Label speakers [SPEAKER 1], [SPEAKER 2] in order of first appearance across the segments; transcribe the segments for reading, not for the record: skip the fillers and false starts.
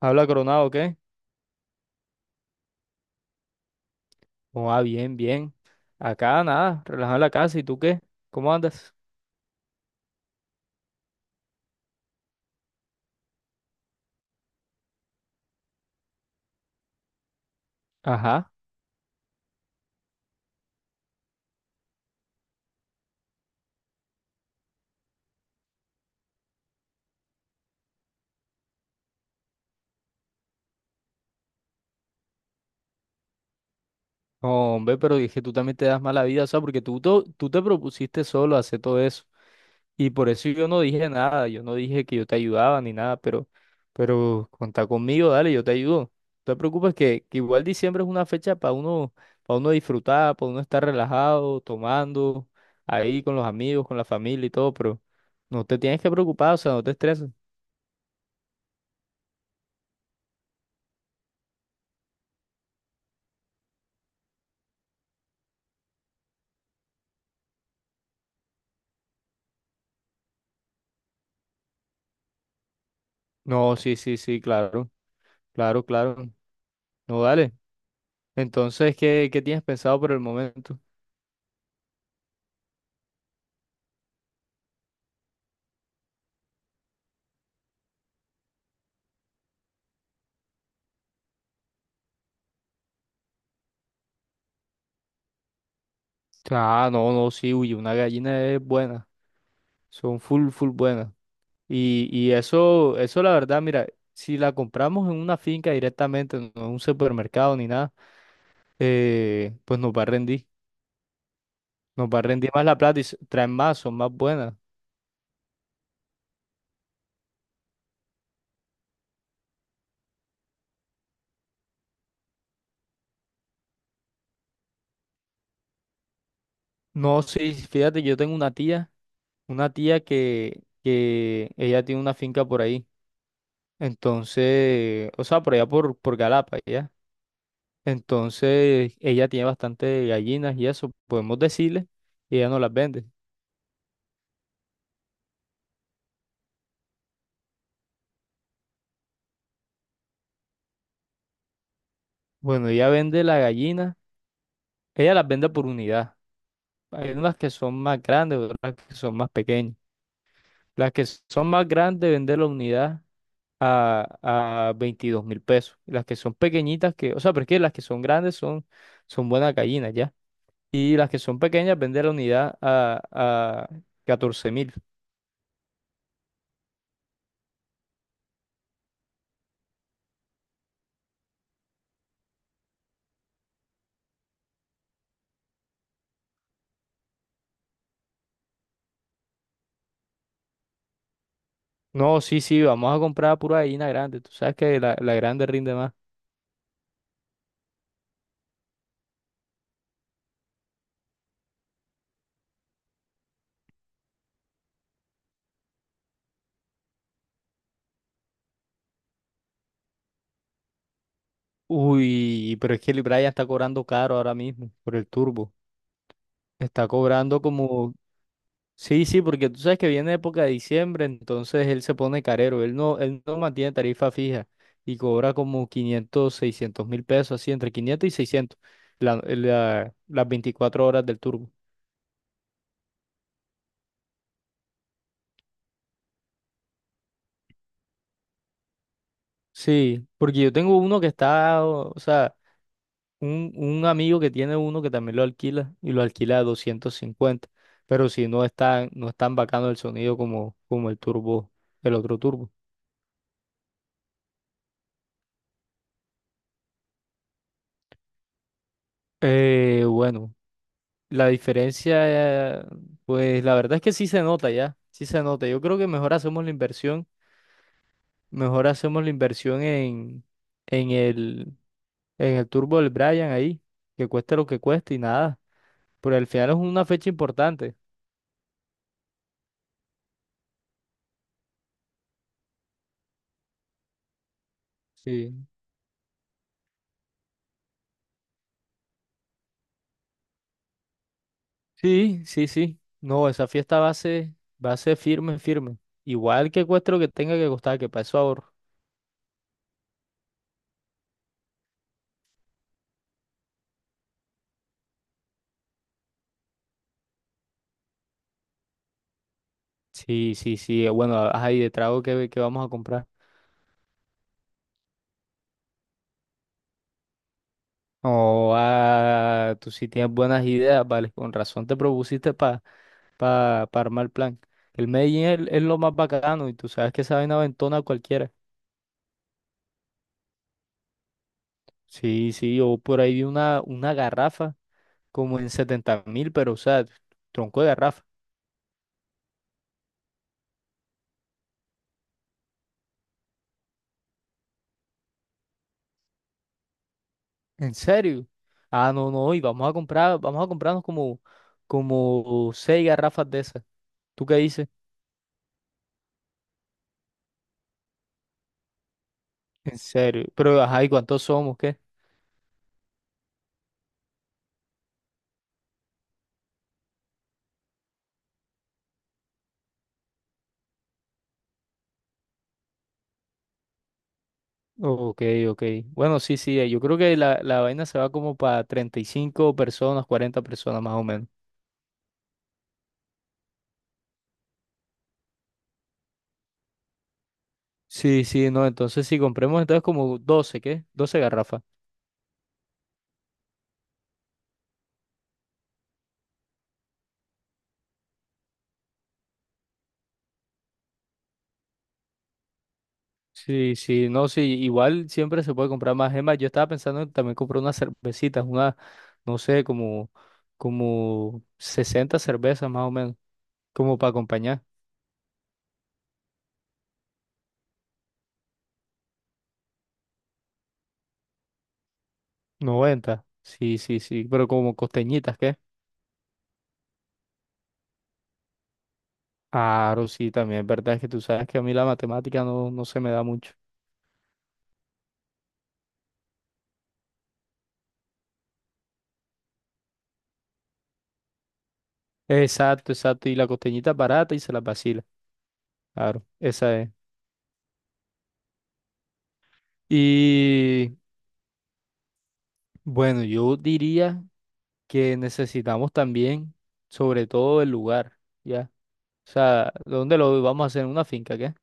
[SPEAKER 1] ¿Habla Coronado o qué? Oh, ah, bien, bien. Acá nada, relajado en la casa. ¿Y tú qué? ¿Cómo andas? Ajá. Hombre, pero dije, tú también te das mala vida, o sea, porque tú te propusiste solo hacer todo eso. Y por eso yo no dije nada, yo no dije que yo te ayudaba ni nada, pero contá conmigo, dale, yo te ayudo. No te preocupes que igual diciembre es una fecha para uno disfrutar, para uno estar relajado, tomando, ahí con los amigos, con la familia y todo, pero no te tienes que preocupar, o sea, no te estreses. No, sí, sí, sí, claro, claro, claro. No, dale. Entonces, ¿qué tienes pensado por el momento? Ah, no, no, sí, uy, una gallina es buena. Son full, full buenas. Y eso la verdad, mira, si la compramos en una finca directamente, no en un supermercado ni nada, pues nos va a rendir. Nos va a rendir más la plata y traen más, son más buenas. No, sí, fíjate, yo tengo una tía que ella tiene una finca por ahí. Entonces, o sea, por allá por Galapa, ¿ya? Entonces, ella tiene bastante gallinas y eso, podemos decirle, y ella no las vende. Bueno, ella vende las gallinas, ella las vende por unidad. Hay unas que son más grandes, otras que son más pequeñas. Las que son más grandes vende la unidad a 22.000 pesos. Y las que son pequeñitas, que, o sea, porque las que son grandes son buenas gallinas, ¿ya? Y las que son pequeñas vende la unidad a 14.000. No, sí, sí, vamos a comprar pura gallina grande. Tú sabes que la grande rinde más. Uy, pero es que el Brian está cobrando caro ahora mismo por el turbo. Está cobrando como. Sí, sí, porque tú sabes que viene época de diciembre, entonces él se pone carero. Él no mantiene tarifa fija y cobra como 500, 600.000 pesos, así, entre 500 y 600 las 24 horas del turbo. Sí, porque yo tengo uno que está, o sea. Un amigo que tiene uno que también lo alquila y lo alquila a 250, pero si no está, no es tan bacano el sonido como el turbo, el otro turbo. Bueno, la diferencia, pues la verdad es que sí se nota ya, sí se nota. Yo creo que mejor hacemos la inversión en el, en el turbo del Brian ahí, que cueste lo que cueste y nada, pero al final es una fecha importante. Sí. Sí, sí, sí. No, esa fiesta va a ser firme, firme. Igual que cueste lo que tenga que costar, que para eso ahorro. Sí, sí, sí. Bueno, ahí de trago que, vamos a comprar. No, ah, tú sí tienes buenas ideas, vale. Con razón te propusiste para pa, pa pa armar el plan. El Medellín es lo más bacano y tú sabes que esa vaina aventona a cualquiera. Sí, sí, yo por ahí vi una garrafa como en 70.000, pero o sea, tronco de garrafa. ¿En serio? Ah, no, no, y vamos a comprarnos como seis garrafas de esas. ¿Tú qué dices? En serio. Pero, ajá, ¿y cuántos somos? ¿Qué? Ok, ok. Bueno, sí, sí, yo creo que la vaina se va como para 35 personas, 40 personas más o menos. Sí, sí, no, entonces si compremos entonces como 12, ¿qué?, 12 garrafas. Sí, sí, no, sí, igual siempre se puede comprar más. Es más, yo estaba pensando en también comprar unas cervecitas, no sé, como 60 cervezas más o menos. Como para acompañar. 90. Sí, sí, sí. Pero como costeñitas, ¿qué? Claro, sí, también es verdad que tú sabes que a mí la matemática no se me da mucho. Exacto, exacto. Y la costeñita es barata y se la vacila. Claro, esa es. Y bueno, yo diría que necesitamos también, sobre todo, el lugar, ¿ya? O sea, ¿dónde lo vamos a hacer? ¿En una finca, qué?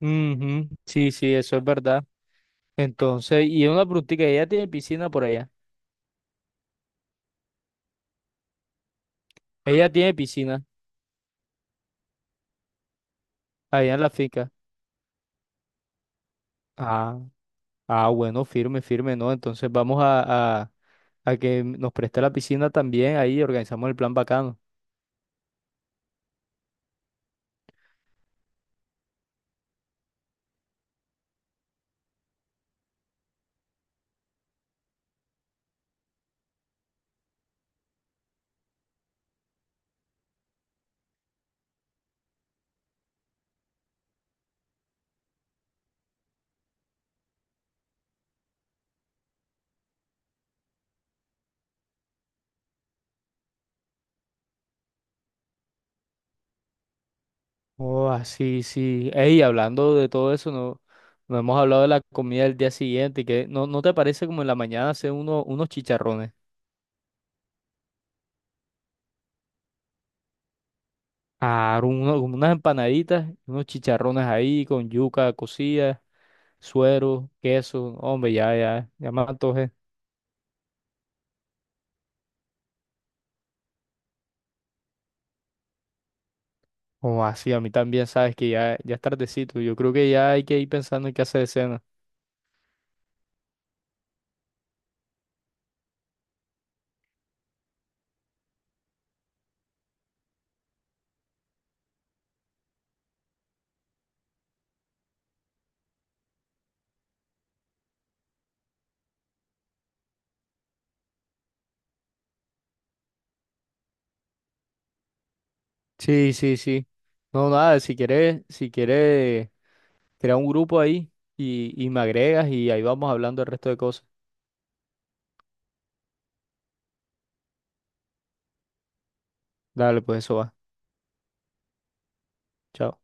[SPEAKER 1] Ujú, sí, sí, eso es verdad. Entonces, y una preguntita, ¿ella tiene piscina por allá? Ella tiene piscina allá en la finca. Ah, ah, bueno, firme, firme, ¿no? Entonces vamos a que nos preste la piscina también, ahí organizamos el plan bacano. Oh, así, sí, sí. Ey, hablando de todo eso, no hemos hablado de la comida del día siguiente, y que no, ¿no te parece como en la mañana hacer unos chicharrones? Ah, como unas empanaditas, unos chicharrones ahí con yuca cocida, suero, queso, hombre, ya, ya, ya me antojé. Oh, así, a mí también, sabes que ya, ya es tardecito, yo creo que ya hay que ir pensando en qué hacer de cena. Sí, sí, sí. No, nada, si quieres, crea un grupo ahí y me agregas y ahí vamos hablando el resto de cosas. Dale, pues eso va. Chao.